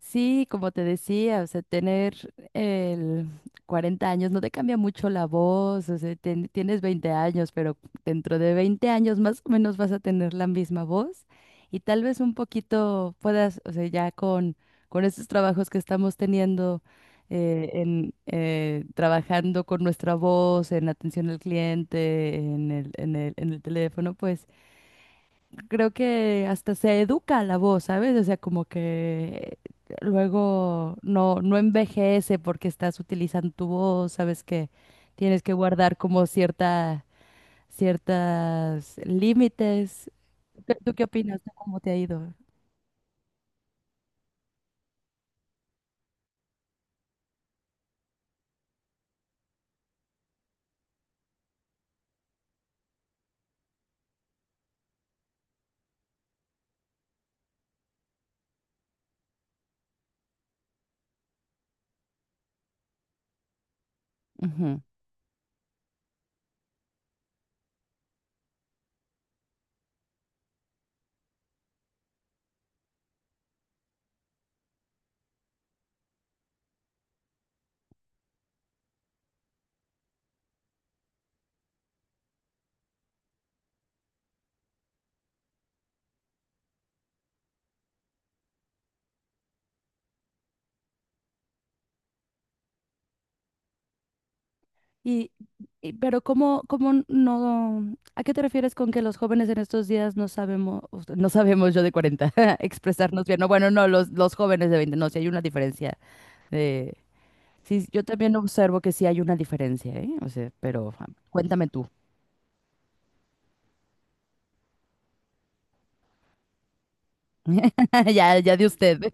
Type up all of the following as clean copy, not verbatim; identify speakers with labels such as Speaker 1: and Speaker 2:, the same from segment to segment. Speaker 1: Sí, como te decía, o sea, tener el 40 años no te cambia mucho la voz, o sea, tienes 20 años, pero dentro de 20 años más o menos vas a tener la misma voz y tal vez un poquito puedas, o sea, ya con estos trabajos que estamos teniendo, trabajando con nuestra voz, en atención al cliente, en el teléfono, pues creo que hasta se educa la voz, ¿sabes? O sea, como que luego no envejece porque estás utilizando tu voz, sabes que tienes que guardar como ciertas límites. ¿Tú qué opinas? ¿Tú ¿Cómo te ha ido? Ujú. Y, pero ¿cómo, cómo no, ¿a qué te refieres con que los jóvenes en estos días no sabemos yo de 40 expresarnos bien? No, bueno, no, los jóvenes de 20 no, si hay una diferencia Sí, yo también observo que sí hay una diferencia, ¿eh? O sea, pero cuéntame tú. Ya, ya de usted.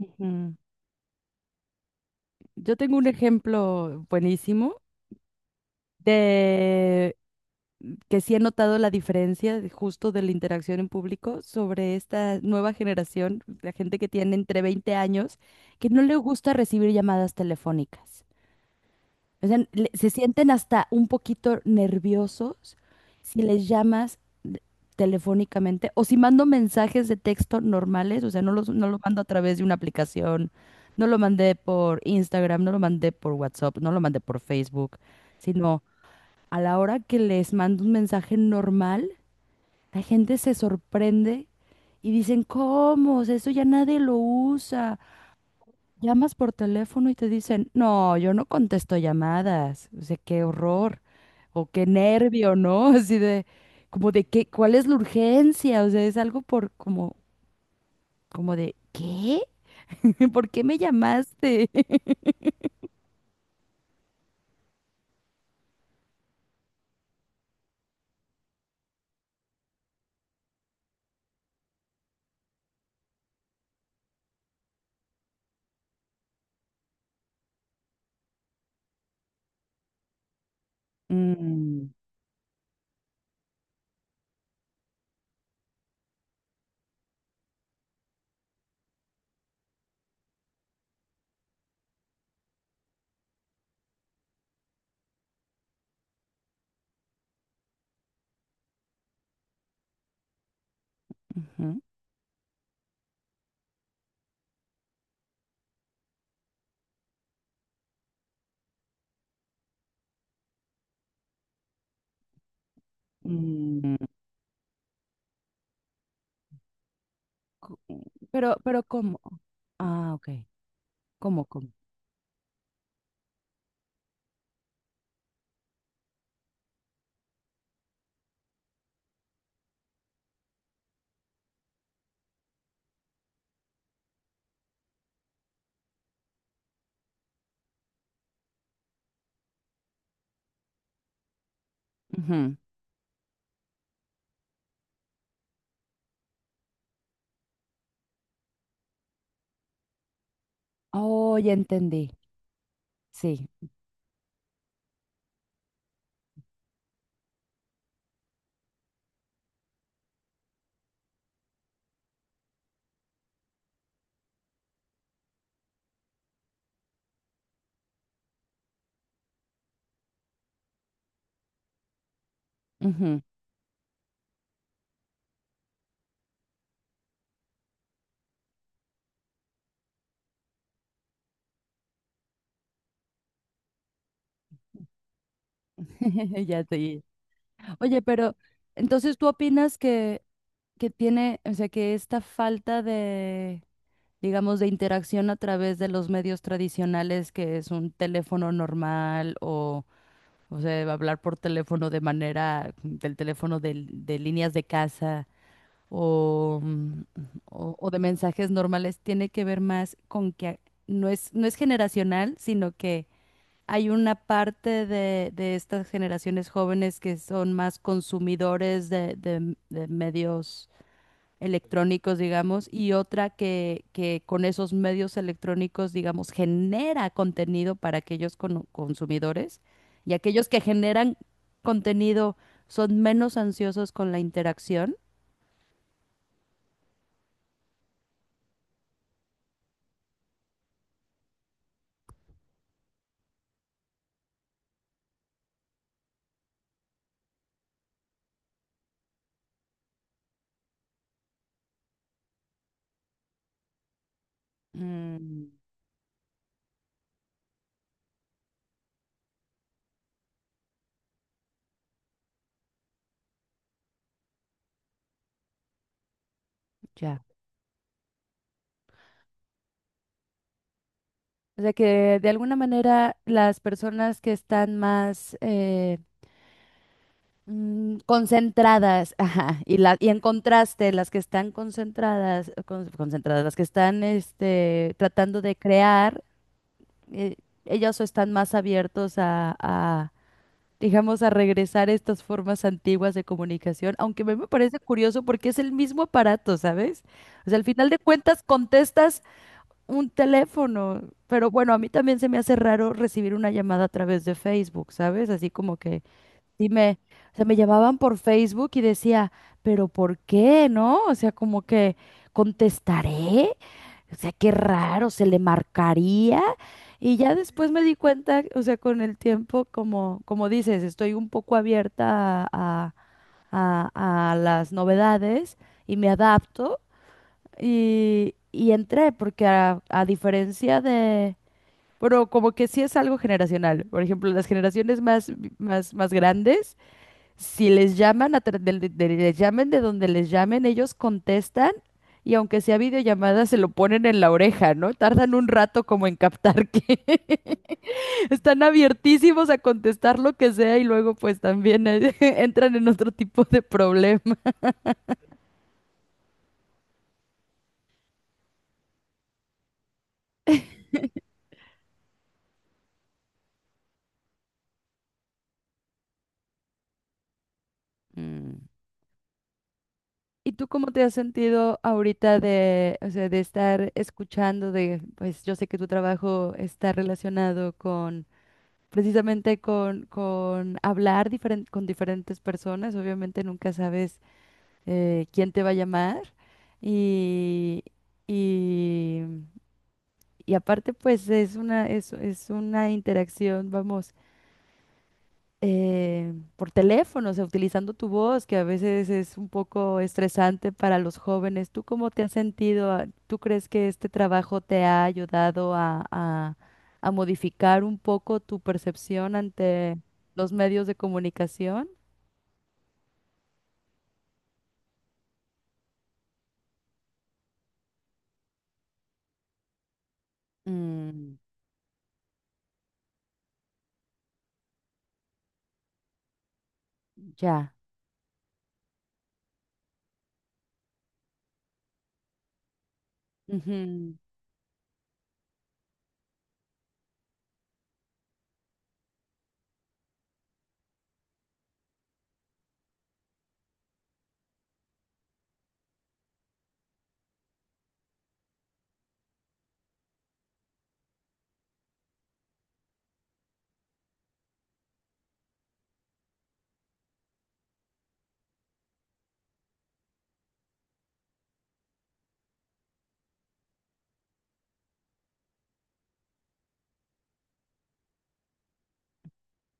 Speaker 1: Ujú. Yo tengo un ejemplo buenísimo de que sí he notado la diferencia justo de la interacción en público sobre esta nueva generación, la gente que tiene entre 20 años, que no le gusta recibir llamadas telefónicas. O sea, se sienten hasta un poquito nerviosos si les llamas telefónicamente o si mando mensajes de texto normales, o sea, no lo mando a través de una aplicación, no lo mandé por Instagram, no lo mandé por WhatsApp, no lo mandé por Facebook, sino a la hora que les mando un mensaje normal, la gente se sorprende y dicen, ¿cómo? O sea, eso ya nadie lo usa. Llamas por teléfono y te dicen, no, yo no contesto llamadas. O sea, qué horror. O qué nervio, ¿no? Así de, como de qué, ¿cuál es la urgencia? O sea, es algo por como, como de, ¿qué? ¿Por qué me llamaste? Mm, ujú, mm, cu- pero ¿cómo? Ah, ok. ¿Cómo? Ujú. Oh, ya entendí. Sí. Ujú. Ya te Oye, pero entonces tú opinas que tiene, o sea, que esta falta de, digamos, de interacción a través de los medios tradicionales, que es un teléfono normal o sea, hablar por teléfono de manera, del teléfono de líneas de casa o, mm, o de mensajes normales, tiene que ver más con que no es generacional, sino que hay una parte de estas generaciones jóvenes que son más consumidores de medios electrónicos, digamos, y otra que con esos medios electrónicos, digamos, genera contenido para aquellos consumidores y aquellos que generan contenido son menos ansiosos con la interacción. Mm, ya. O sea que de alguna manera las personas que están más concentradas, ajá, y la, y en contraste, las que están concentradas, concentradas, las que están tratando de crear, eh, ellos están más abiertos digamos, a regresar a estas formas antiguas de comunicación, aunque me parece curioso porque es el mismo aparato, ¿sabes? O sea, al final de cuentas contestas un teléfono, pero bueno, a mí también se me hace raro recibir una llamada a través de Facebook, ¿sabes? Así como que... Dime, o sea, me llamaban por Facebook y decía, pero ¿por qué, no? O sea, como que contestaré, o sea, qué raro, se le marcaría. Y ya después me di cuenta, o sea, con el tiempo, como, como dices, estoy un poco abierta a, a- a las novedades y me adapto y entré, porque a diferencia de, pero como que sí es algo generacional. Por ejemplo, las generaciones más grandes si les llaman, a tra- del- de- les llamen de donde les llamen, ellos contestan y aunque sea videollamada, se lo ponen en la oreja, ¿no? Tardan un rato como en captar que están abiertísimos a contestar lo que sea y luego pues también entran en otro tipo de problema. Mm. ¿Y tú cómo te has sentido ahorita de, o sea, de estar escuchando de, pues yo sé que tu trabajo está relacionado con precisamente con hablar con diferentes personas. Obviamente nunca sabes quién te va a llamar. Y, y, y aparte, pues es una interacción, vamos por teléfono, o sea, utilizando tu voz, que a veces es un poco estresante para los jóvenes. ¿Tú cómo te has sentido? Ah, ¿tú crees que este trabajo te ha ayudado a modificar un poco tu percepción ante los medios de comunicación? Mm, ya. Ujú.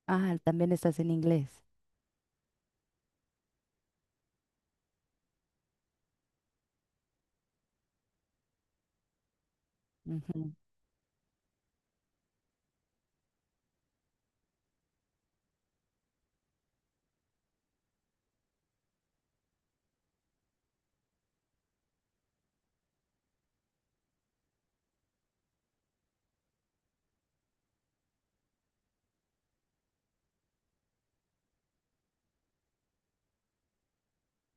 Speaker 1: Ah, también estás en inglés. Ujú,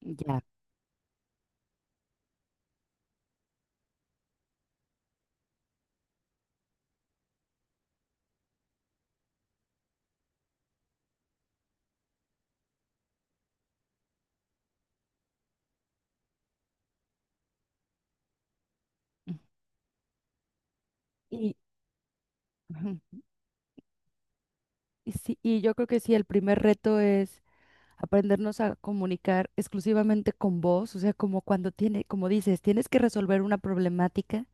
Speaker 1: ya. Y, ujú, y sí, yo creo que sí, el primer reto es aprendernos a comunicar exclusivamente con voz, o sea, como cuando tiene, como dices, tienes que resolver una problemática,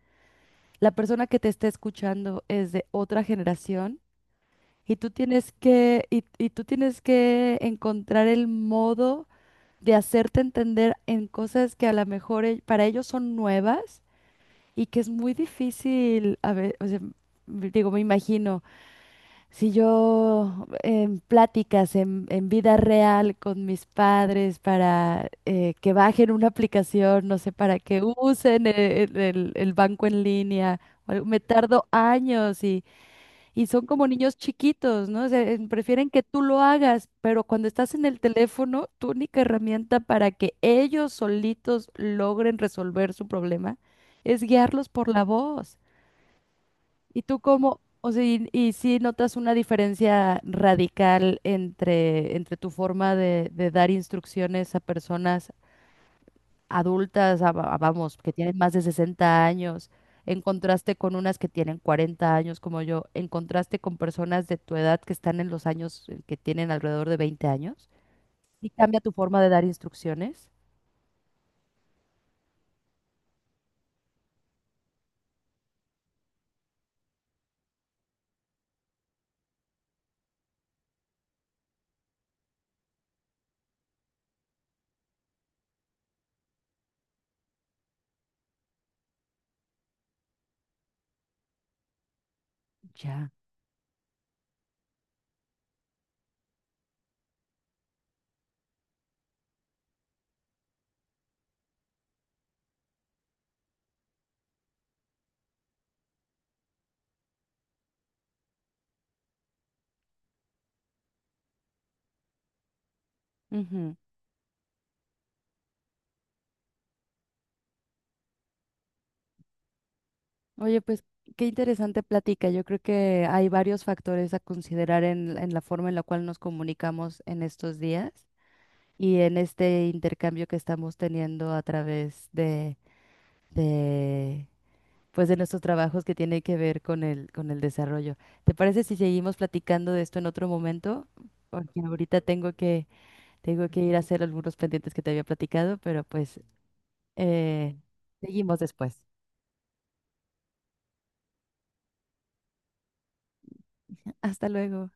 Speaker 1: la persona que te está escuchando es de otra generación y tú tienes que, y tú tienes que encontrar el modo de hacerte entender en cosas que a lo mejor para ellos son nuevas y que es muy difícil, a ver, o sea, digo, me imagino si yo en pláticas en vida real con mis padres para que bajen una aplicación, no sé, para que usen el banco en línea, o algo, me tardo años y son como niños chiquitos, ¿no? O sea, prefieren que tú lo hagas, pero cuando estás en el teléfono, tu única herramienta para que ellos solitos logren resolver su problema es guiarlos por la voz. ¿Y tú cómo, o sea, y si notas una diferencia radical entre tu forma de dar instrucciones a personas adultas, vamos, que tienen más de 60 años, en contraste con unas que tienen 40 años como yo, en contraste con personas de tu edad que están en los años que tienen alrededor de 20 años? ¿Y cambia tu forma de dar instrucciones? Ya. Oye, pues qué interesante plática. Yo creo que hay varios factores a considerar en la forma en la cual nos comunicamos en estos días y en este intercambio que estamos teniendo a través de, pues de nuestros trabajos que tiene que ver con el desarrollo. ¿Te parece si seguimos platicando de esto en otro momento? Porque ahorita tengo que ir a hacer algunos pendientes que te había platicado, pero pues eh, seguimos después. Hasta luego.